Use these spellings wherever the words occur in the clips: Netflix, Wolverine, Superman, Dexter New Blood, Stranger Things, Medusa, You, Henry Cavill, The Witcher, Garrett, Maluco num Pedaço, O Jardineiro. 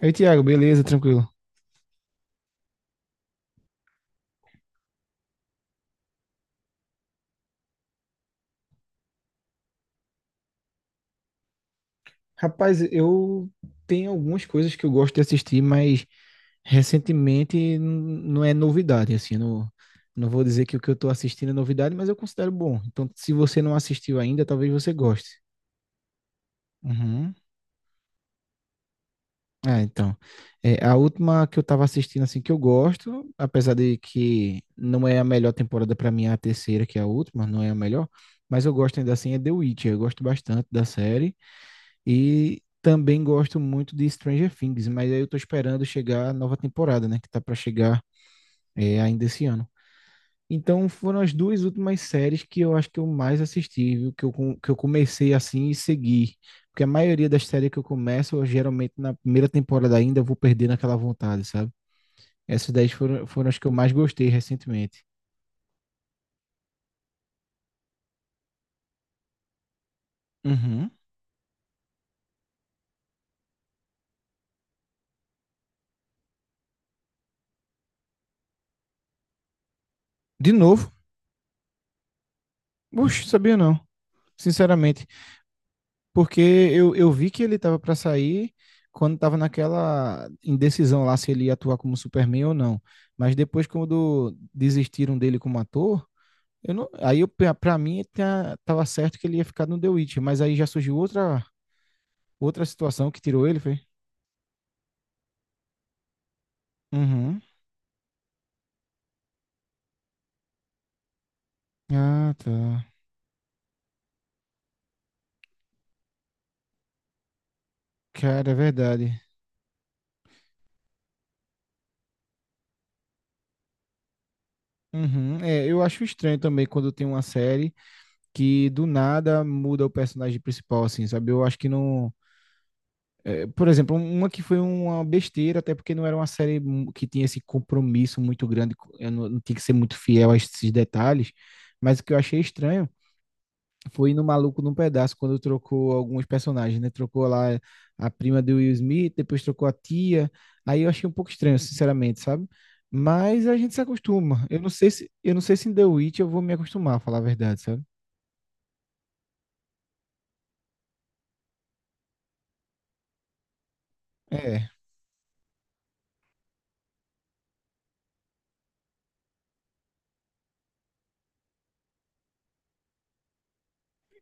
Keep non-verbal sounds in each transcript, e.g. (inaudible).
Aí, Thiago, beleza, tranquilo. Rapaz, eu tenho algumas coisas que eu gosto de assistir, mas recentemente não é novidade, assim, não, não vou dizer que o que eu tô assistindo é novidade, mas eu considero bom. Então, se você não assistiu ainda, talvez você goste. Uhum. Ah, então. É, a última que eu tava assistindo, assim, que eu gosto, apesar de que não é a melhor temporada pra mim, é a terceira, que é a última, não é a melhor, mas eu gosto ainda assim, é The Witcher. Eu gosto bastante da série. E também gosto muito de Stranger Things, mas aí eu tô esperando chegar a nova temporada, né? Que tá pra chegar ainda esse ano. Então foram as duas últimas séries que eu acho que eu mais assisti, viu? Que eu comecei assim e segui. Porque a maioria das séries que eu começo, eu, geralmente na primeira temporada ainda vou perdendo aquela vontade, sabe? Essas 10 foram as que eu mais gostei recentemente. Uhum. De novo? Puxa, sabia não. Sinceramente. Porque eu vi que ele tava pra sair quando tava naquela indecisão lá se ele ia atuar como Superman ou não. Mas depois, quando desistiram dele como ator, eu não, aí eu, pra pra mim tava certo que ele ia ficar no The Witch, mas aí já surgiu outra, outra situação que tirou ele, foi? Uhum. Ah, tá. Cara, é verdade. Uhum. É, eu acho estranho também quando tem uma série que do nada muda o personagem principal, assim, sabe? Eu acho que não. Por exemplo, uma que foi uma besteira, até porque não era uma série que tinha esse compromisso muito grande, eu não, não tinha que ser muito fiel a esses detalhes, mas o que eu achei estranho foi no Maluco num Pedaço, quando trocou alguns personagens, né? Trocou lá a prima do Will Smith, depois trocou a tia, aí eu achei um pouco estranho, sinceramente, sabe? Mas a gente se acostuma. Eu não sei se em The Witch eu vou me acostumar, a falar a verdade, sabe? É,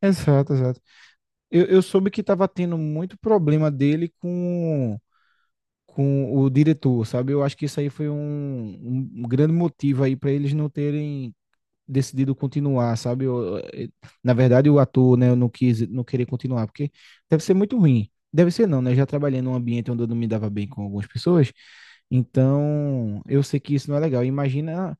exato, exato. Eu soube que tava tendo muito problema dele com o diretor, sabe? Eu acho que isso aí foi um grande motivo aí para eles não terem decidido continuar, sabe? Na verdade, o ator, né, eu não quis, não querer continuar, porque deve ser muito ruim. Deve ser não, né? Eu já trabalhei num ambiente onde eu não me dava bem com algumas pessoas, então eu sei que isso não é legal. Imagina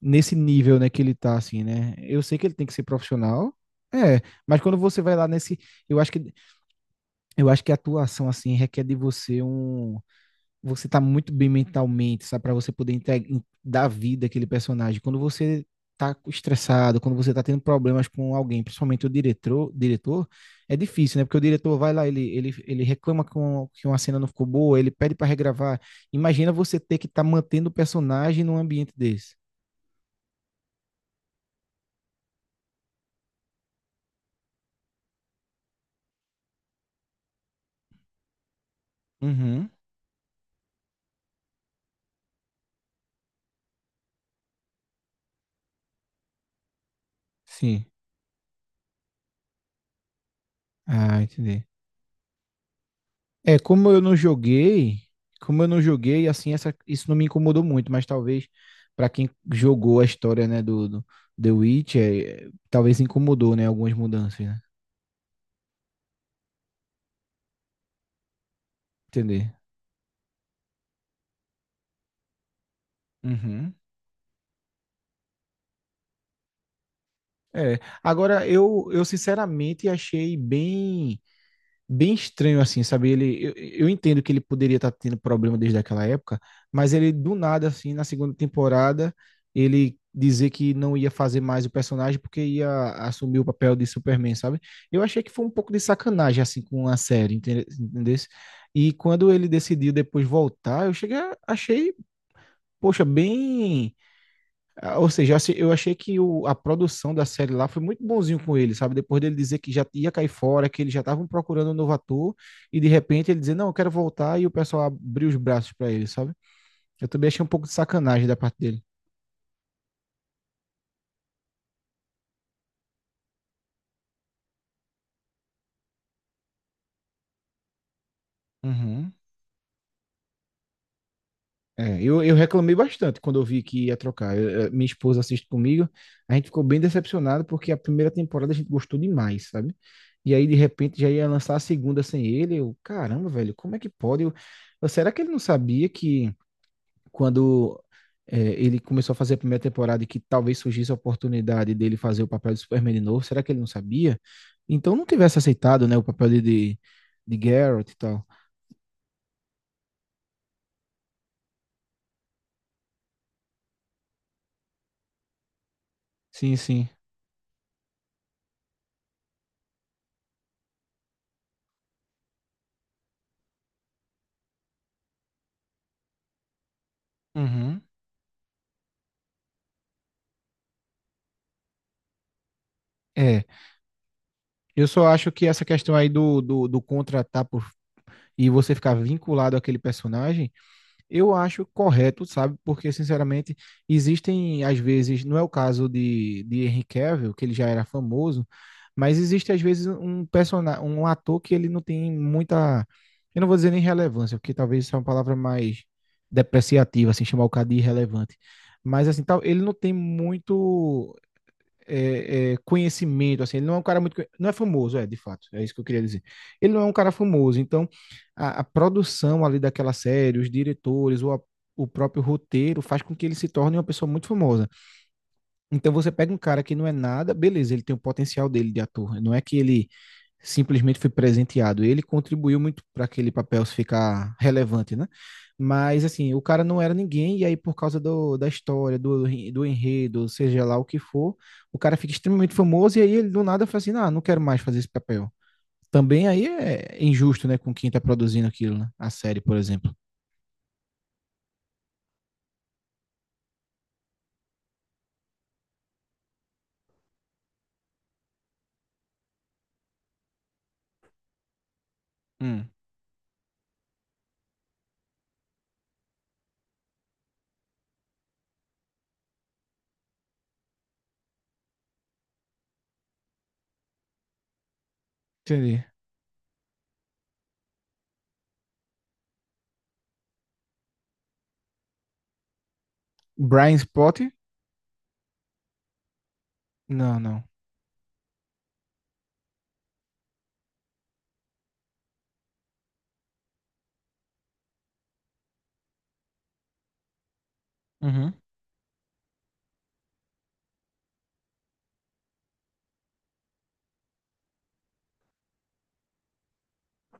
nesse nível, né, que ele tá assim, né? Eu sei que ele tem que ser profissional, é, mas quando você vai lá nesse, eu acho que eu acho que a atuação assim requer de você um você tá muito bem mentalmente, sabe? Pra você poder entregar, dar vida àquele personagem. Quando você tá estressado, quando você tá tendo problemas com alguém, principalmente o diretor, diretor, é difícil, né? Porque o diretor vai lá, ele reclama com, que uma cena não ficou boa, ele pede pra regravar. Imagina você ter que estar tá mantendo o personagem num ambiente desse. Uhum, sim. Ah, entendi. É, como eu não joguei, como eu não joguei, assim, essa, isso não me incomodou muito, mas talvez para quem jogou a história, né, do The Witcher, talvez incomodou, né, algumas mudanças, né? Entender. Uhum. É, agora eu sinceramente achei bem bem estranho assim, sabe? Ele, eu entendo que ele poderia estar tendo problema desde aquela época, mas ele do nada assim, na segunda temporada, ele dizer que não ia fazer mais o personagem porque ia assumir o papel de Superman, sabe? Eu achei que foi um pouco de sacanagem assim com a série, entendesse? E quando ele decidiu depois voltar, achei, poxa, ou seja, assim, eu achei que a produção da série lá foi muito bonzinho com ele, sabe? Depois dele dizer que já ia cair fora, que eles já estavam procurando um novo ator, e de repente ele dizer, não, eu quero voltar, e o pessoal abriu os braços para ele, sabe? Eu também achei um pouco de sacanagem da parte dele. Uhum. É, eu reclamei bastante quando eu vi que ia trocar. Minha esposa assiste comigo, a gente ficou bem decepcionado porque a primeira temporada a gente gostou demais, sabe? E aí, de repente, já ia lançar a segunda sem ele. Eu, caramba, velho, como é que pode? Será que ele não sabia que quando é, ele começou a fazer a primeira temporada e que talvez surgisse a oportunidade dele fazer o papel de Superman de novo, será que ele não sabia? Então não tivesse aceitado, né, o papel de Garrett e tal. Sim, sim. Uhum. É, eu só acho que essa questão aí do contratar por, e você ficar vinculado àquele personagem eu acho correto, sabe? Porque, sinceramente, existem, às vezes, não é o caso de Henry Cavill, que ele já era famoso, mas existe, às vezes, um personagem, um ator que ele não tem muita, eu não vou dizer nem relevância, porque talvez isso é uma palavra mais depreciativa, assim, chamar o cara de irrelevante. Mas, assim, tal, ele não tem muito, conhecimento, assim, ele não é um cara muito, não é famoso, é, de fato, é isso que eu queria dizer. Ele não é um cara famoso, então a produção ali daquela série, os diretores, o próprio roteiro faz com que ele se torne uma pessoa muito famosa. Então você pega um cara que não é nada, beleza, ele tem o potencial dele de ator, não é que ele simplesmente foi presenteado. Ele contribuiu muito para aquele papel ficar relevante, né? Mas, assim, o cara não era ninguém, e aí, por causa da história, do enredo, seja lá o que for, o cara fica extremamente famoso, e aí ele do nada fala assim: ah, não quero mais fazer esse papel. Também aí é injusto, né, com quem tá produzindo aquilo, né? A série, por exemplo. Hum, entendi. Brian Spott? Não, não. Uhum,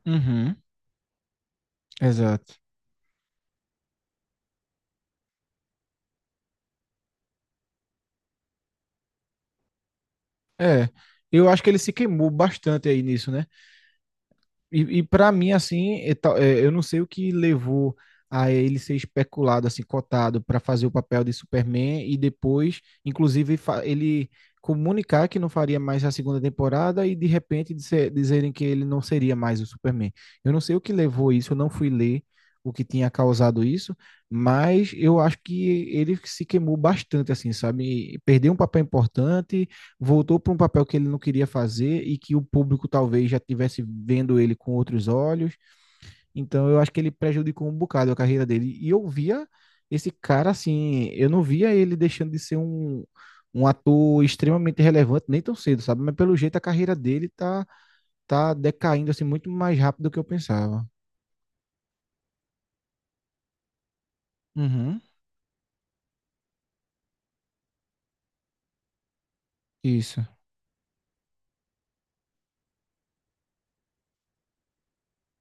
uhum, exato. É, eu acho que ele se queimou bastante aí nisso, né? E para mim, assim, é, eu não sei o que levou a ele ser especulado, assim, cotado para fazer o papel de Superman e depois, inclusive, ele comunicar que não faria mais a segunda temporada e de repente dizerem que ele não seria mais o Superman. Eu não sei o que levou isso, eu não fui ler o que tinha causado isso, mas eu acho que ele se queimou bastante, assim, sabe? E perdeu um papel importante, voltou para um papel que ele não queria fazer e que o público talvez já estivesse vendo ele com outros olhos. Então eu acho que ele prejudicou um bocado a carreira dele. E eu via esse cara assim, eu não via ele deixando de ser um, um ator extremamente relevante nem tão cedo, sabe? Mas pelo jeito a carreira dele tá decaindo assim muito mais rápido do que eu pensava. Uhum. Isso.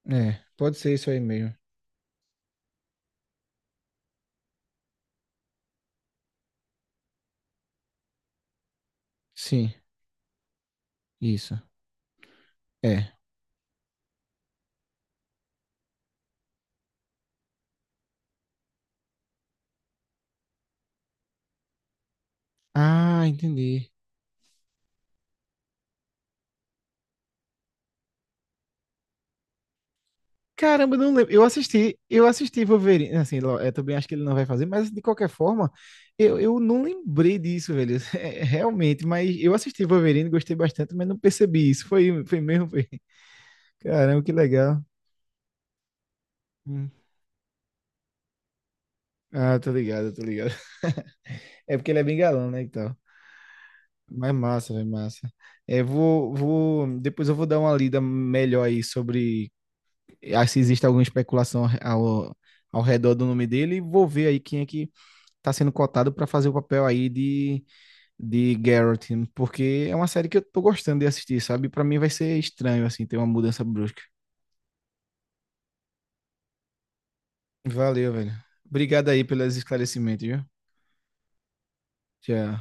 É, pode ser isso aí mesmo. Sim, isso. É. Ah, entendi. Caramba, eu não lembro. Eu assisti Wolverine, assim, é, também acho que ele não vai fazer, mas de qualquer forma, eu não lembrei disso, velho. (laughs) É, realmente, mas eu assisti Wolverine, gostei bastante, mas não percebi isso. Foi mesmo, foi. (laughs) Caramba, que legal. Hum. Ah, tô ligado, tô ligado. É porque ele é bem galão, né, e tal. Mas é massa, velho, massa. É, vou, depois eu vou dar uma lida melhor aí sobre se existe alguma especulação ao redor do nome dele e vou ver aí quem é que tá sendo cotado para fazer o papel aí de Garrett, porque é uma série que eu tô gostando de assistir, sabe? Para mim vai ser estranho, assim, ter uma mudança brusca. Valeu, velho. Obrigado aí pelos esclarecimentos, viu? Tchau.